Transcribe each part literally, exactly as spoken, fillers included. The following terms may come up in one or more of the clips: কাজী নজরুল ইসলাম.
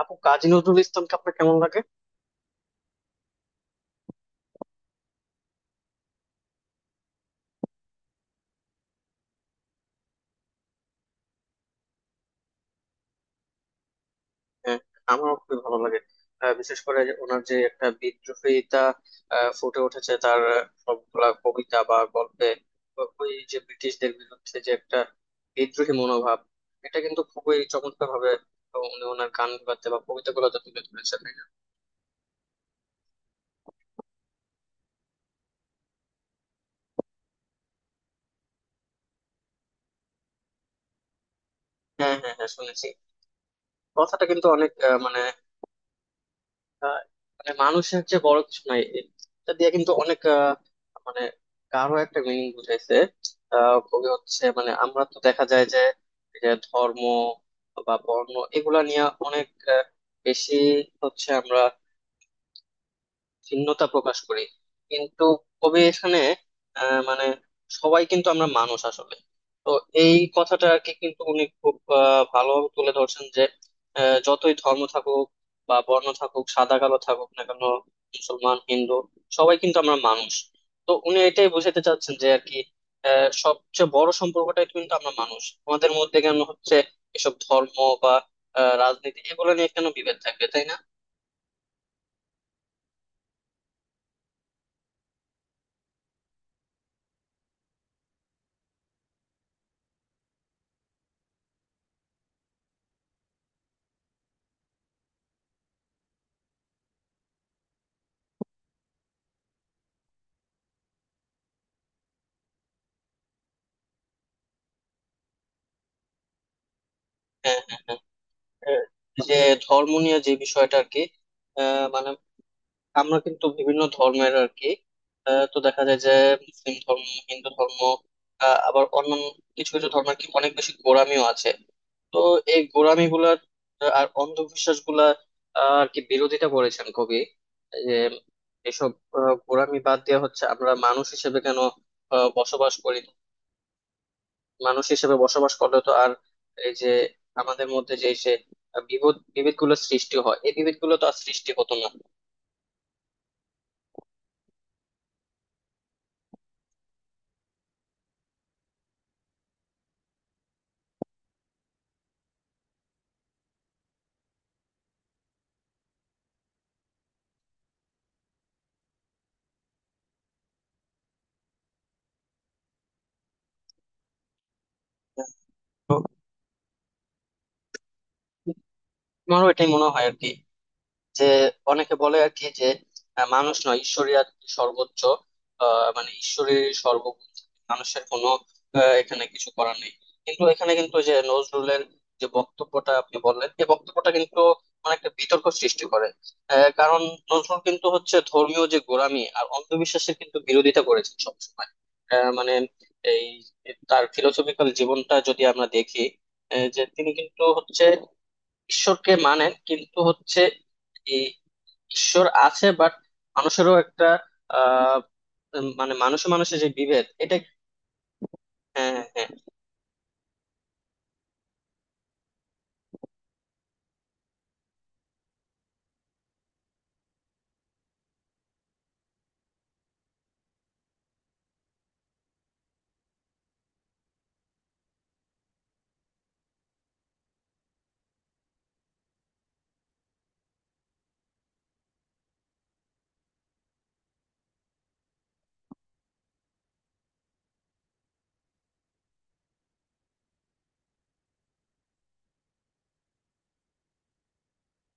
আপু, কাজী নজরুল ইসলামকে আপনার কেমন লাগে? হ্যাঁ, আমারও খুবই ভালো লাগে। আহ, বিশেষ করে যে ওনার যে একটা বিদ্রোহিতা আহ, ফুটে উঠেছে তার আহ, সবগুলা কবিতা বা গল্পে। ও- ওই যে ব্রিটিশদের বিরুদ্ধে যে একটা বিদ্রোহী মনোভাব, এটা কিন্তু খুবই চমৎকার ভাবে উনি ওনার গান গুলাতে বা কবিতা গুলাতে তুলে ধরেছেন, তাই না? হ্যাঁ হ্যাঁ হ্যাঁ, শুনেছি। কথাটা কিন্তু অনেক আহ, মানে আহ, মানে মানুষের যে বড় কিছু নাই, এটা দিয়ে কিন্তু অনেক আহ, মানে গাঢ় একটা মিনিং বুঝাইছে। আহ, কবি হচ্ছে, মানে আমরা তো দেখা যায় যে এই যে ধর্ম বা বর্ণ এগুলা নিয়ে অনেক আহ, বেশি হচ্ছে আমরা ভিন্নতা প্রকাশ করি, কিন্তু কবি এখানে আহ, মানে সবাই কিন্তু আমরা মানুষ আসলে। তো এই কথাটা আর কি কিন্তু উনি খুব আহ, ভালোভাবে তুলে ধরছেন যে আহ, যতই ধর্ম থাকুক বা বর্ণ থাকুক, সাদা কালো থাকুক না কেন, মুসলমান হিন্দু, সবাই কিন্তু আমরা মানুষ। তো উনি এটাই বোঝাতে চাচ্ছেন যে আর কি আহ, সবচেয়ে বড় সম্পর্কটাই কিন্তু আমরা মানুষ। আমাদের মধ্যে কেন হচ্ছে এসব ধর্ম বা আহ, রাজনীতি এগুলো নিয়ে কেন বিভেদ থাকবে, তাই না? হ্যাঁ হ্যাঁ হ্যাঁ। আহ, যে ধর্ম নিয়ে যে বিষয়টা আর কি আহ, মানে আমরা কিন্তু বিভিন্ন ধর্মের আর কি আহ, তো দেখা যায় যে মুসলিম ধর্ম, হিন্দু ধর্ম, আহ, আবার অন্যান্য কিছু কিছু ধর্মের কি অনেক বেশি গোঁড়ামিও আছে। তো এই গোঁড়ামি গুলার আর অন্ধবিশ্বাস গুলা আর কি বিরোধিতা করেছেন কবি, যে এসব আহ, গোঁড়ামি বাদ দেওয়া হচ্ছে, আমরা মানুষ হিসেবে কেন আহ, বসবাস করি না, মানুষ হিসেবে বসবাস করলে তো আর এই যে আমাদের মধ্যে যে সে বিভেদ বিভেদ গুলো সৃষ্টি হয়, এই বিভেদ গুলো তো আর সৃষ্টি হতো না। তো আমারও এটাই মনে হয় আর কি, যে অনেকে বলে আর কি যে আহ, মানুষ নয় ঈশ্বরই আর কি সর্বোচ্চ, আহ, মানে ঈশ্বরের সর্বগুণ, মানুষের কোনো আহ, এখানে কিছু করার নেই। কিন্তু এখানে কিন্তু যে নজরুলের যে বক্তব্যটা আপনি বললেন, এই বক্তব্যটা কিন্তু মানে একটা বিতর্ক সৃষ্টি করে। আহ, কারণ নজরুল কিন্তু হচ্ছে ধর্মীয় যে গোঁড়ামি আর অন্ধবিশ্বাসের কিন্তু বিরোধিতা করেছেন সবসময়। আহ, মানে এই তার ফিলোসফিক্যাল জীবনটা যদি আমরা দেখি, আহ, যে তিনি কিন্তু হচ্ছে ঈশ্বরকে মানেন, কিন্তু হচ্ছে ঈশ্বর আছে বাট মানুষেরও একটা আহ উম, মানে মানুষে মানুষে যে বিভেদ এটা। হ্যাঁ হ্যাঁ।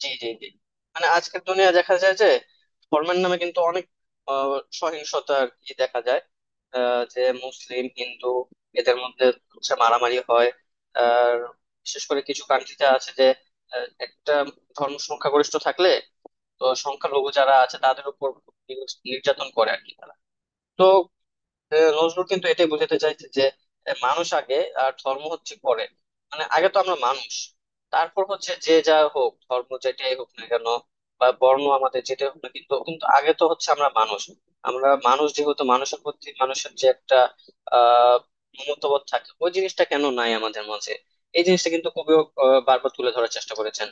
জি জি জি। মানে আজকের দুনিয়া দেখা যায় যে ধর্মের নামে কিন্তু অনেক আহ, সহিংসতা আর কি দেখা যায়। আহ, যে মুসলিম হিন্দু এদের মধ্যে হচ্ছে মারামারি হয়। আর বিশেষ করে কিছু কান্ট্রিতে আছে যে আহ, একটা ধর্ম সংখ্যাগরিষ্ঠ থাকলে তো সংখ্যালঘু যারা আছে তাদের উপর নির্যাতন করে আর কি তারা। তো এ, নজরুল কিন্তু এটাই বোঝাতে চাইছে যে এ, মানুষ আগে আর ধর্ম হচ্ছে পরে। মানে আগে তো আমরা মানুষ, তারপর হচ্ছে যে যা হোক ধর্ম যেটাই হোক না কেন বা বর্ণ আমাদের যেটাই হোক না, কিন্তু কিন্তু আগে তো হচ্ছে আমরা মানুষ। আমরা মানুষ যেহেতু মানুষের প্রতি মানুষের যে একটা আহ মমতাবোধ থাকে, ওই জিনিসটা কেন নাই আমাদের মাঝে? এই জিনিসটা কিন্তু কবিও আহ, বারবার তুলে ধরার চেষ্টা করেছেন।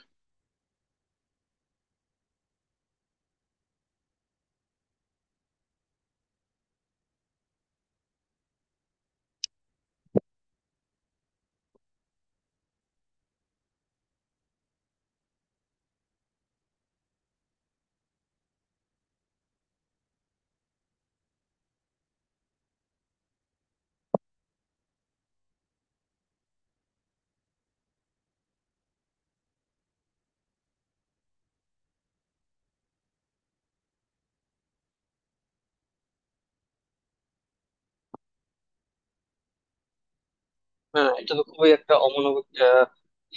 হ্যাঁ, এটা তো খুবই একটা অমানবিক আহ,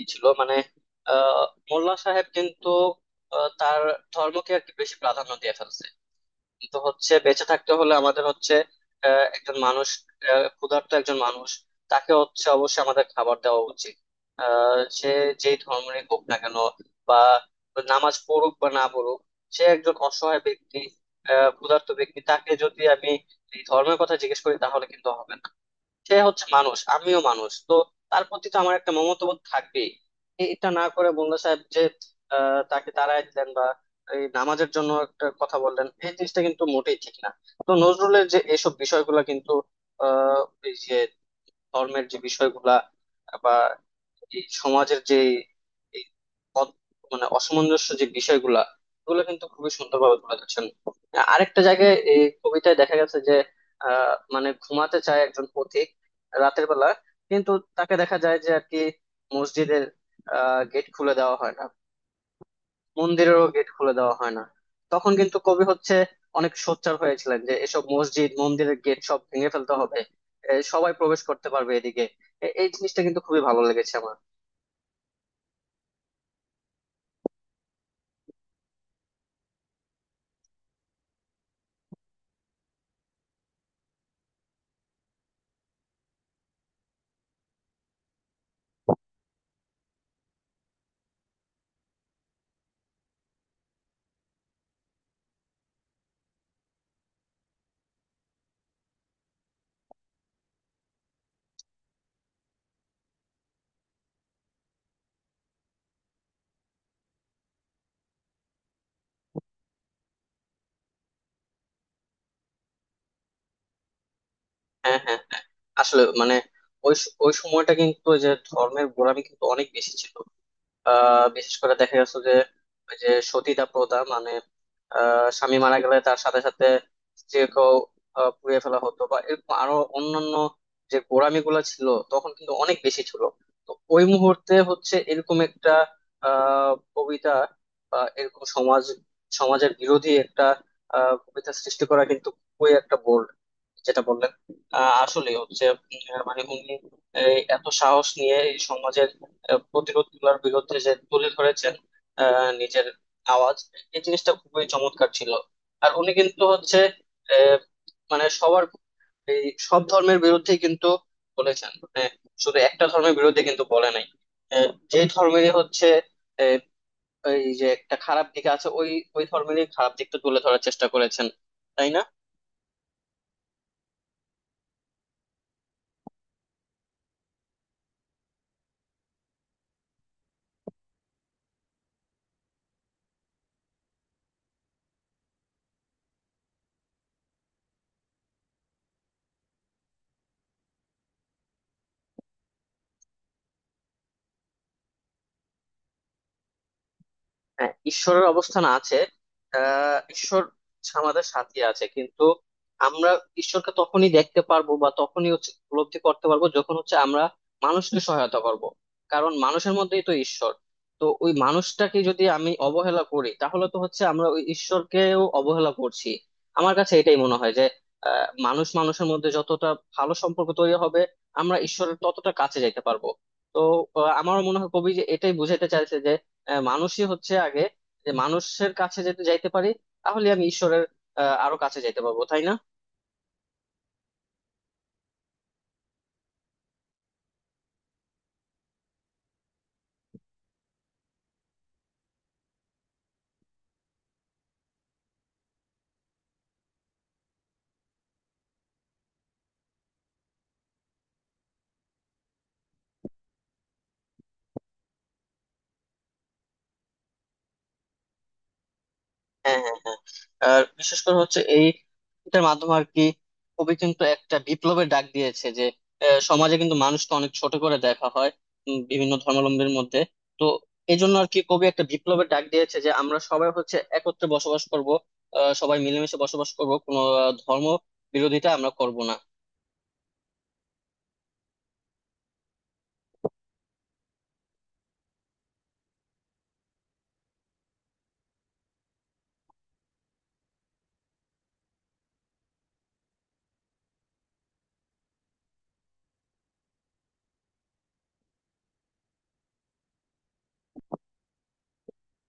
ই ছিল, মানে আহ, মোল্লা সাহেব কিন্তু আহ, তার ধর্মকে একটু বেশি প্রাধান্য দিয়ে ফেলছে। কিন্তু হচ্ছে বেঁচে থাকতে হলে আমাদের হচ্ছে আহ, একজন মানুষ, আহ, ক্ষুধার্ত একজন মানুষ, তাকে হচ্ছে অবশ্যই আমাদের খাবার দেওয়া উচিত। আহ, সে যেই ধর্মেরই হোক না কেন বা নামাজ পড়ুক বা না পড়ুক, সে একজন অসহায় ব্যক্তি, আহ ক্ষুধার্ত ব্যক্তি। তাকে যদি আমি এই ধর্মের কথা জিজ্ঞেস করি তাহলে কিন্তু হবে না। সে হচ্ছে মানুষ, আমিও মানুষ, তো তার প্রতি তো আমার একটা মমত্ববোধ থাকবেই। এ- এটা না করে মোল্লা সাহেব যে আহ, তাকে তাড়ায় দিলেন বা এই নামাজের জন্য একটা কথা বললেন, এই জিনিসটা কিন্তু মোটেই ঠিক না। তো নজরুলের যে এইসব বিষয়গুলো কিন্তু আহ এই যে ধর্মের যে বিষয়গুলা বা এই সমাজের যে এই অত- মানে অসামঞ্জস্য যে বিষয়গুলা, এগুলো কিন্তু খুবই সুন্দরভাবে তুলে ধরছেন। আরেকটা জায়গায় এই কবিতায় দেখা গেছে যে আহ মানে ঘুমাতে চায় একজন পথিক রাতের বেলা, কিন্তু তাকে দেখা যায় যে আর কি মসজিদের আহ গেট খুলে দেওয়া হয় না, মন্দিরেরও গেট খুলে দেওয়া হয় না। তখন কিন্তু কবি হচ্ছে অনেক সোচ্চার হয়েছিলেন যে এসব মসজিদ মন্দিরের গেট সব ভেঙে ফেলতে হবে, এ, সবাই প্রবেশ করতে পারবে এদিকে। এ- এই জিনিসটা কিন্তু খুবই ভালো লেগেছে আমার। হ্যাঁ হ্যাঁ হ্যাঁ। আসলে মানে ওই স- ওই সময়টা কিন্তু ওই যে ধর্মের গোড়ামি কিন্তু অনেক বেশি ছিল। আহ বিশেষ করে দেখা গেছে যে ওই যে সতীদাহ প্রথা, মানে আহ স্বামী মারা গেলে তার সাথে সাথে স্ত্রীকেও আহ, পুড়িয়ে ফেলা হতো, বা এরকম আরো অন্যান্য যে গোঁড়ামি গুলা ছিল তখন কিন্তু অনেক বেশি ছিল। তো ওই মুহূর্তে হচ্ছে এরকম একটা আহ কবিতা বা এরকম সমাজ, সমাজের বিরোধী একটা আহ কবিতা সৃষ্টি করা কিন্তু খুবই একটা বোল্ড, যেটা বললেন। আহ, আসলে হচ্ছে উম, মানে উনি এই এত সাহস নিয়ে এই সমাজের প্রতিরোধ গুলার বিরুদ্ধে যে তুলে ধরেছেন আহ, নিজের আওয়াজ, এই জিনিসটা খুবই চমৎকার ছিল। আর উনি কিন্তু হচ্ছে আহ, মানে সবার এই সব ধর্মের বিরুদ্ধে কিন্তু বলেছেন, মানে শুধু একটা ধর্মের বিরুদ্ধে কিন্তু বলে নাই। আহ, যে ধর্মেরই হচ্ছে আহ, এই যে একটা খারাপ দিক আছে, ওই ওই ধর্মেরই খারাপ দিকটা তুলে ধরার চেষ্টা করেছেন, তাই না? হ্যাঁ, ঈশ্বরের অবস্থান আছে। আহ ঈশ্বর আমাদের সাথে আছে, কিন্তু আমরা ঈশ্বরকে তখনই দেখতে পারবো বা তখনই হচ্ছে উপলব্ধি করতে পারবো যখন হচ্ছে আমরা মানুষকে সহায়তা করব। কারণ মানুষের মধ্যেই তো ঈশ্বর। তো ওই মানুষটাকে যদি আমি অবহেলা করি তাহলে তো হচ্ছে আমরা ওই ঈশ্বরকেও অবহেলা করছি। আমার কাছে এটাই মনে হয় যে আহ মানুষ মানুষের মধ্যে যতটা ভালো সম্পর্ক তৈরি হবে, আমরা ঈশ্বরের ততটা কাছে যেতে পারবো। তো আহ, আমারও মনে হয় কবি যে এটাই বুঝাতে চাইছে, আহ, মানুষই হচ্ছে আগে। যে মানুষের কাছে যদি যাইতে পারি, তাহলে আমি ঈশ্বরের আহ, আরো কাছে যাইতে পারবো, তাই না? হ্যাঁ হ্যাঁ হ্যাঁ। আর বিশেষ করে হচ্ছে এই এটার মাধ্যমে আর কি কবি কিন্তু একটা বিপ্লবের ডাক দিয়েছে যে আহ, সমাজে কিন্তু মানুষকে অনেক ছোট করে দেখা হয় উম, বিভিন্ন ধর্মাবলম্বীর মধ্যে। তো এই জন্য আর কি কবি একটা বিপ্লবের ডাক দিয়েছে যে আমরা সবাই হচ্ছে একত্রে বসবাস করব, সবাই মিলেমিশে বসবাস করব, কোনো আহ, ধর্ম বিরোধিতা আমরা করব না।